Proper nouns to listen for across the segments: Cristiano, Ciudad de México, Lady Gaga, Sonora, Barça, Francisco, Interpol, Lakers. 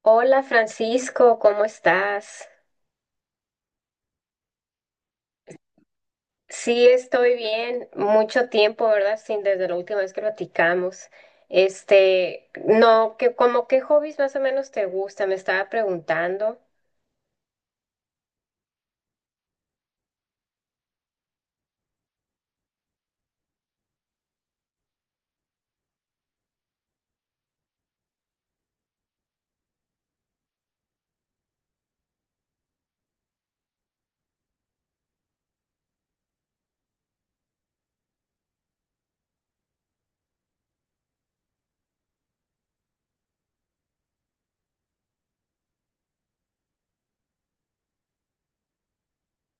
Hola Francisco, ¿cómo estás? Sí, estoy bien. Mucho tiempo, ¿verdad? Sin desde la última vez que platicamos. No, que como qué hobbies más o menos te gusta, me estaba preguntando.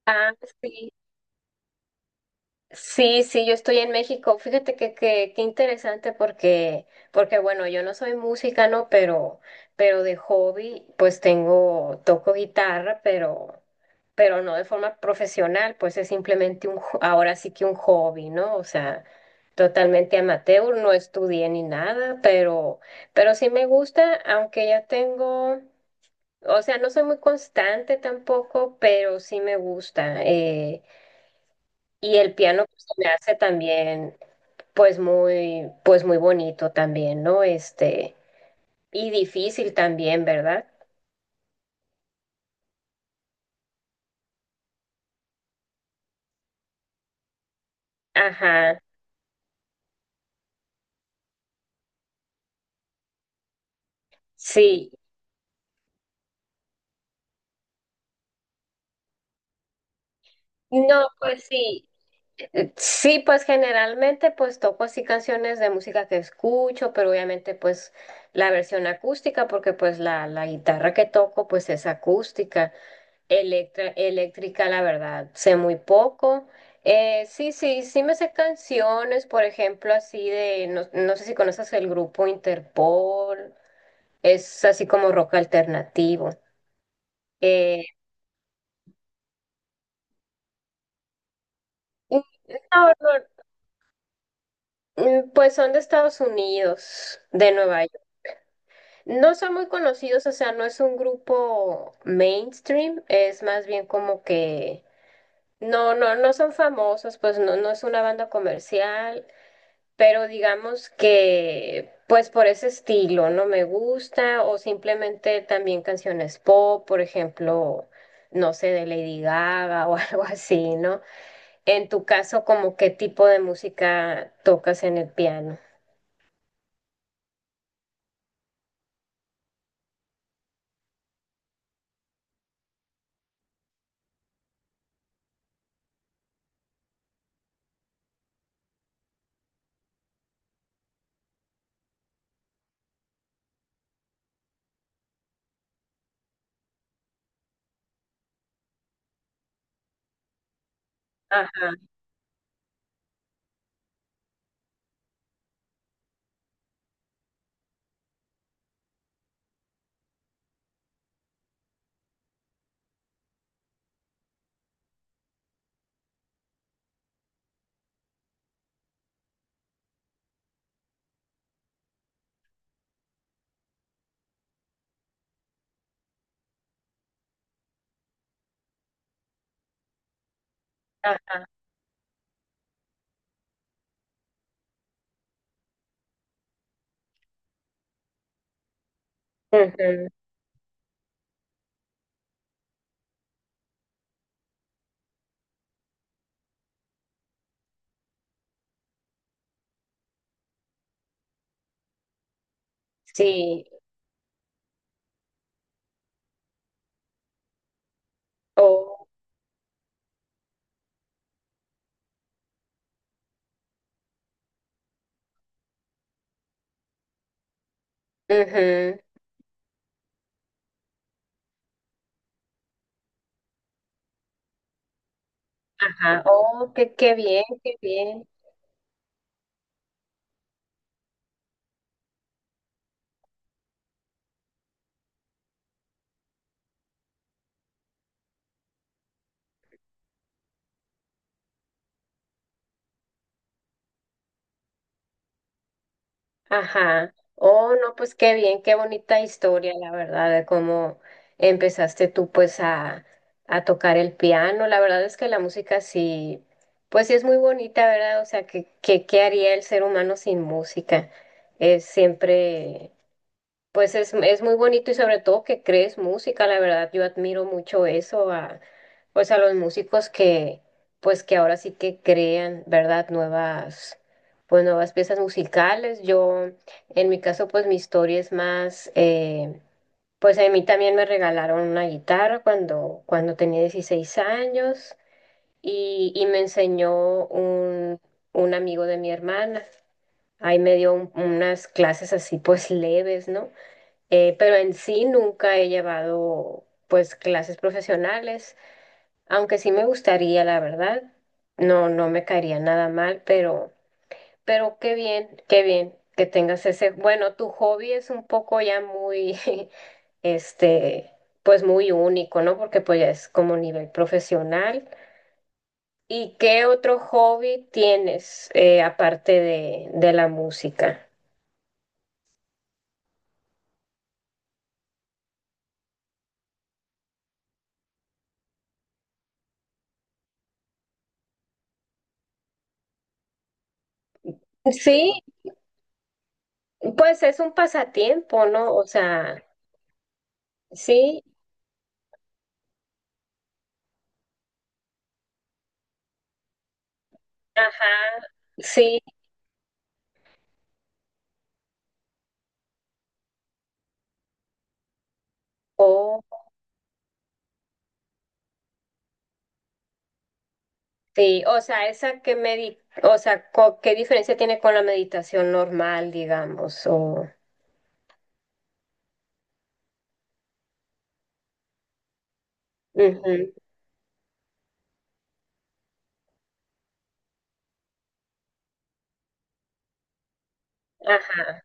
Ah, sí. Sí, sí, yo estoy en México. Fíjate que qué interesante porque bueno, yo no soy música, ¿no? Pero de hobby, pues tengo, toco guitarra, pero no de forma profesional, pues es simplemente un, ahora sí que un hobby, ¿no? O sea, totalmente amateur, no estudié ni nada, pero sí me gusta, aunque ya tengo, o sea, no soy muy constante tampoco, pero sí me gusta. Y el piano pues, se me hace también pues muy bonito también, ¿no? Y difícil también, ¿verdad? Ajá, sí. No, pues sí, sí, pues generalmente pues toco así canciones de música que escucho, pero obviamente pues la versión acústica, porque pues la guitarra que toco pues es acústica. Eléctrica, la verdad, sé muy poco. Sí, sí, sí me sé canciones, por ejemplo, así de, no, no sé si conoces el grupo Interpol, es así como rock alternativo. Eh, y no, no, pues son de Estados Unidos, de Nueva York. No son muy conocidos, o sea, no es un grupo mainstream, es más bien como que, no, no, no son famosos, pues no, no es una banda comercial. Pero digamos que pues por ese estilo no me gusta o simplemente también canciones pop, por ejemplo, no sé, de Lady Gaga o algo así, ¿no? En tu caso, ¿como qué tipo de música tocas en el piano? Ajá, ajá, ujú, sí, o, ujú, ajá, oh, qué, qué bien, qué bien. Ajá. Oh, no, pues qué bien, qué bonita historia, la verdad, de cómo empezaste tú pues a tocar el piano. La verdad es que la música sí, pues sí es muy bonita, ¿verdad? O sea, ¿qué haría el ser humano sin música? Es siempre... Pues es muy bonito y sobre todo que crees música, la verdad yo admiro mucho eso a pues a los músicos que pues que ahora sí que crean, ¿verdad? Nuevas pues nuevas piezas musicales. Yo en mi caso pues mi historia es más pues a mí también me regalaron una guitarra cuando tenía 16 años y me enseñó un amigo de mi hermana. Ahí me dio unas clases así pues leves, ¿no? Pero en sí nunca he llevado pues clases profesionales, aunque sí me gustaría, la verdad. No, no me caería nada mal, pero qué bien que tengas ese. Bueno, tu hobby es un poco ya muy, este, pues muy único, ¿no? Porque pues ya es como nivel profesional. ¿Y qué otro hobby tienes aparte de la música? Sí, pues es un pasatiempo, ¿no? O sea, sí. Ajá, sí, o, sí, o sea, esa que medi, o sea, co- ¿qué diferencia tiene con la meditación normal, digamos? O, ujú, ajá,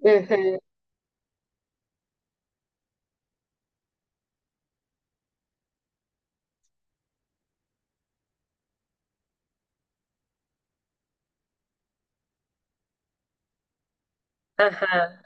ujú, ajá,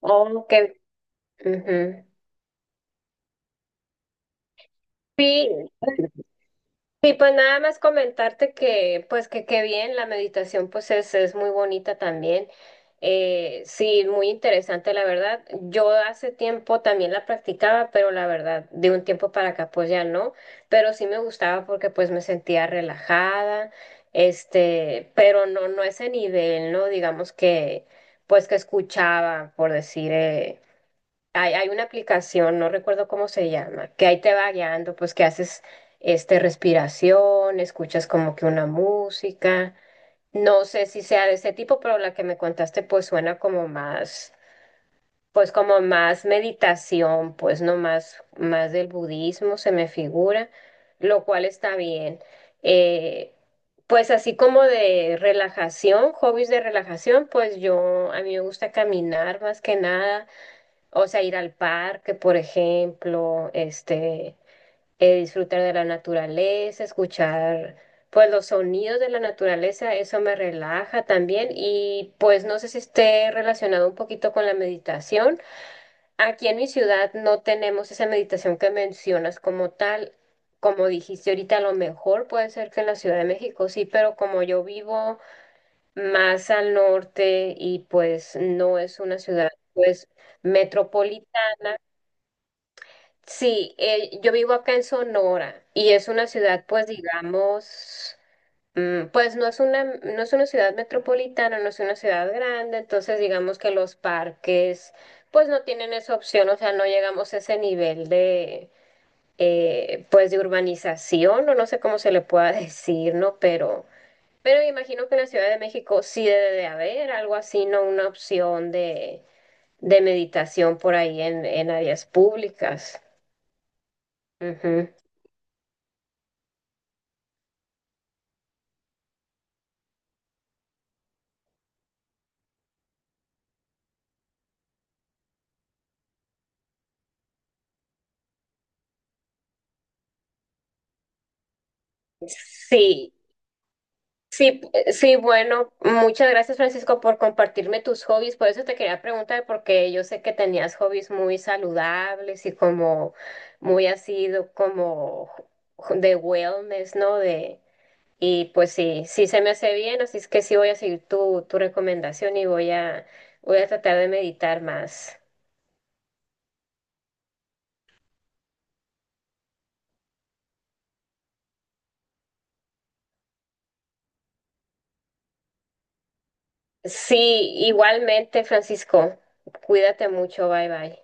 o que, ujú. Sí, y pues nada más comentarte que, pues que qué bien, la meditación pues es muy bonita también. Sí, muy interesante, la verdad. Yo hace tiempo también la practicaba, pero la verdad, de un tiempo para acá pues ya no, pero sí me gustaba porque pues me sentía relajada, pero no, no ese nivel, ¿no? Digamos que, pues que escuchaba, por decir, hay una aplicación, no recuerdo cómo se llama, que ahí te va guiando, pues que haces este respiración, escuchas como que una música. No sé si sea de ese tipo, pero la que me contaste pues suena como más, pues como más meditación, pues no más, más del budismo se me figura, lo cual está bien. Eh, pues así como de relajación, hobbies de relajación, pues yo, a mí me gusta caminar más que nada. O sea, ir al parque, por ejemplo, disfrutar de la naturaleza, escuchar pues los sonidos de la naturaleza, eso me relaja también y pues no sé si esté relacionado un poquito con la meditación. Aquí en mi ciudad no tenemos esa meditación que mencionas como tal. Como dijiste ahorita, a lo mejor puede ser que en la Ciudad de México sí, pero como yo vivo más al norte y pues no es una ciudad pues metropolitana, sí, yo vivo acá en Sonora y es una ciudad, pues digamos, pues no es una, no es una ciudad metropolitana, no es una ciudad grande, entonces digamos que los parques, pues no tienen esa opción, o sea, no llegamos a ese nivel de, pues de urbanización, o no sé cómo se le pueda decir, ¿no? Pero imagino que en la Ciudad de México sí debe de haber algo así, ¿no? Una opción de meditación por ahí en áreas públicas. Ujú. Sí, sí, sí, bueno, muchas gracias Francisco por compartirme tus hobbies. Por eso te quería preguntar, porque yo sé que tenías hobbies muy saludables y como muy así como de wellness, ¿no? De, y pues sí, sí se me hace bien, así es que sí voy a seguir tu, tu recomendación y voy a, voy a tratar de meditar más. Sí, igualmente Francisco, cuídate mucho, bye bye.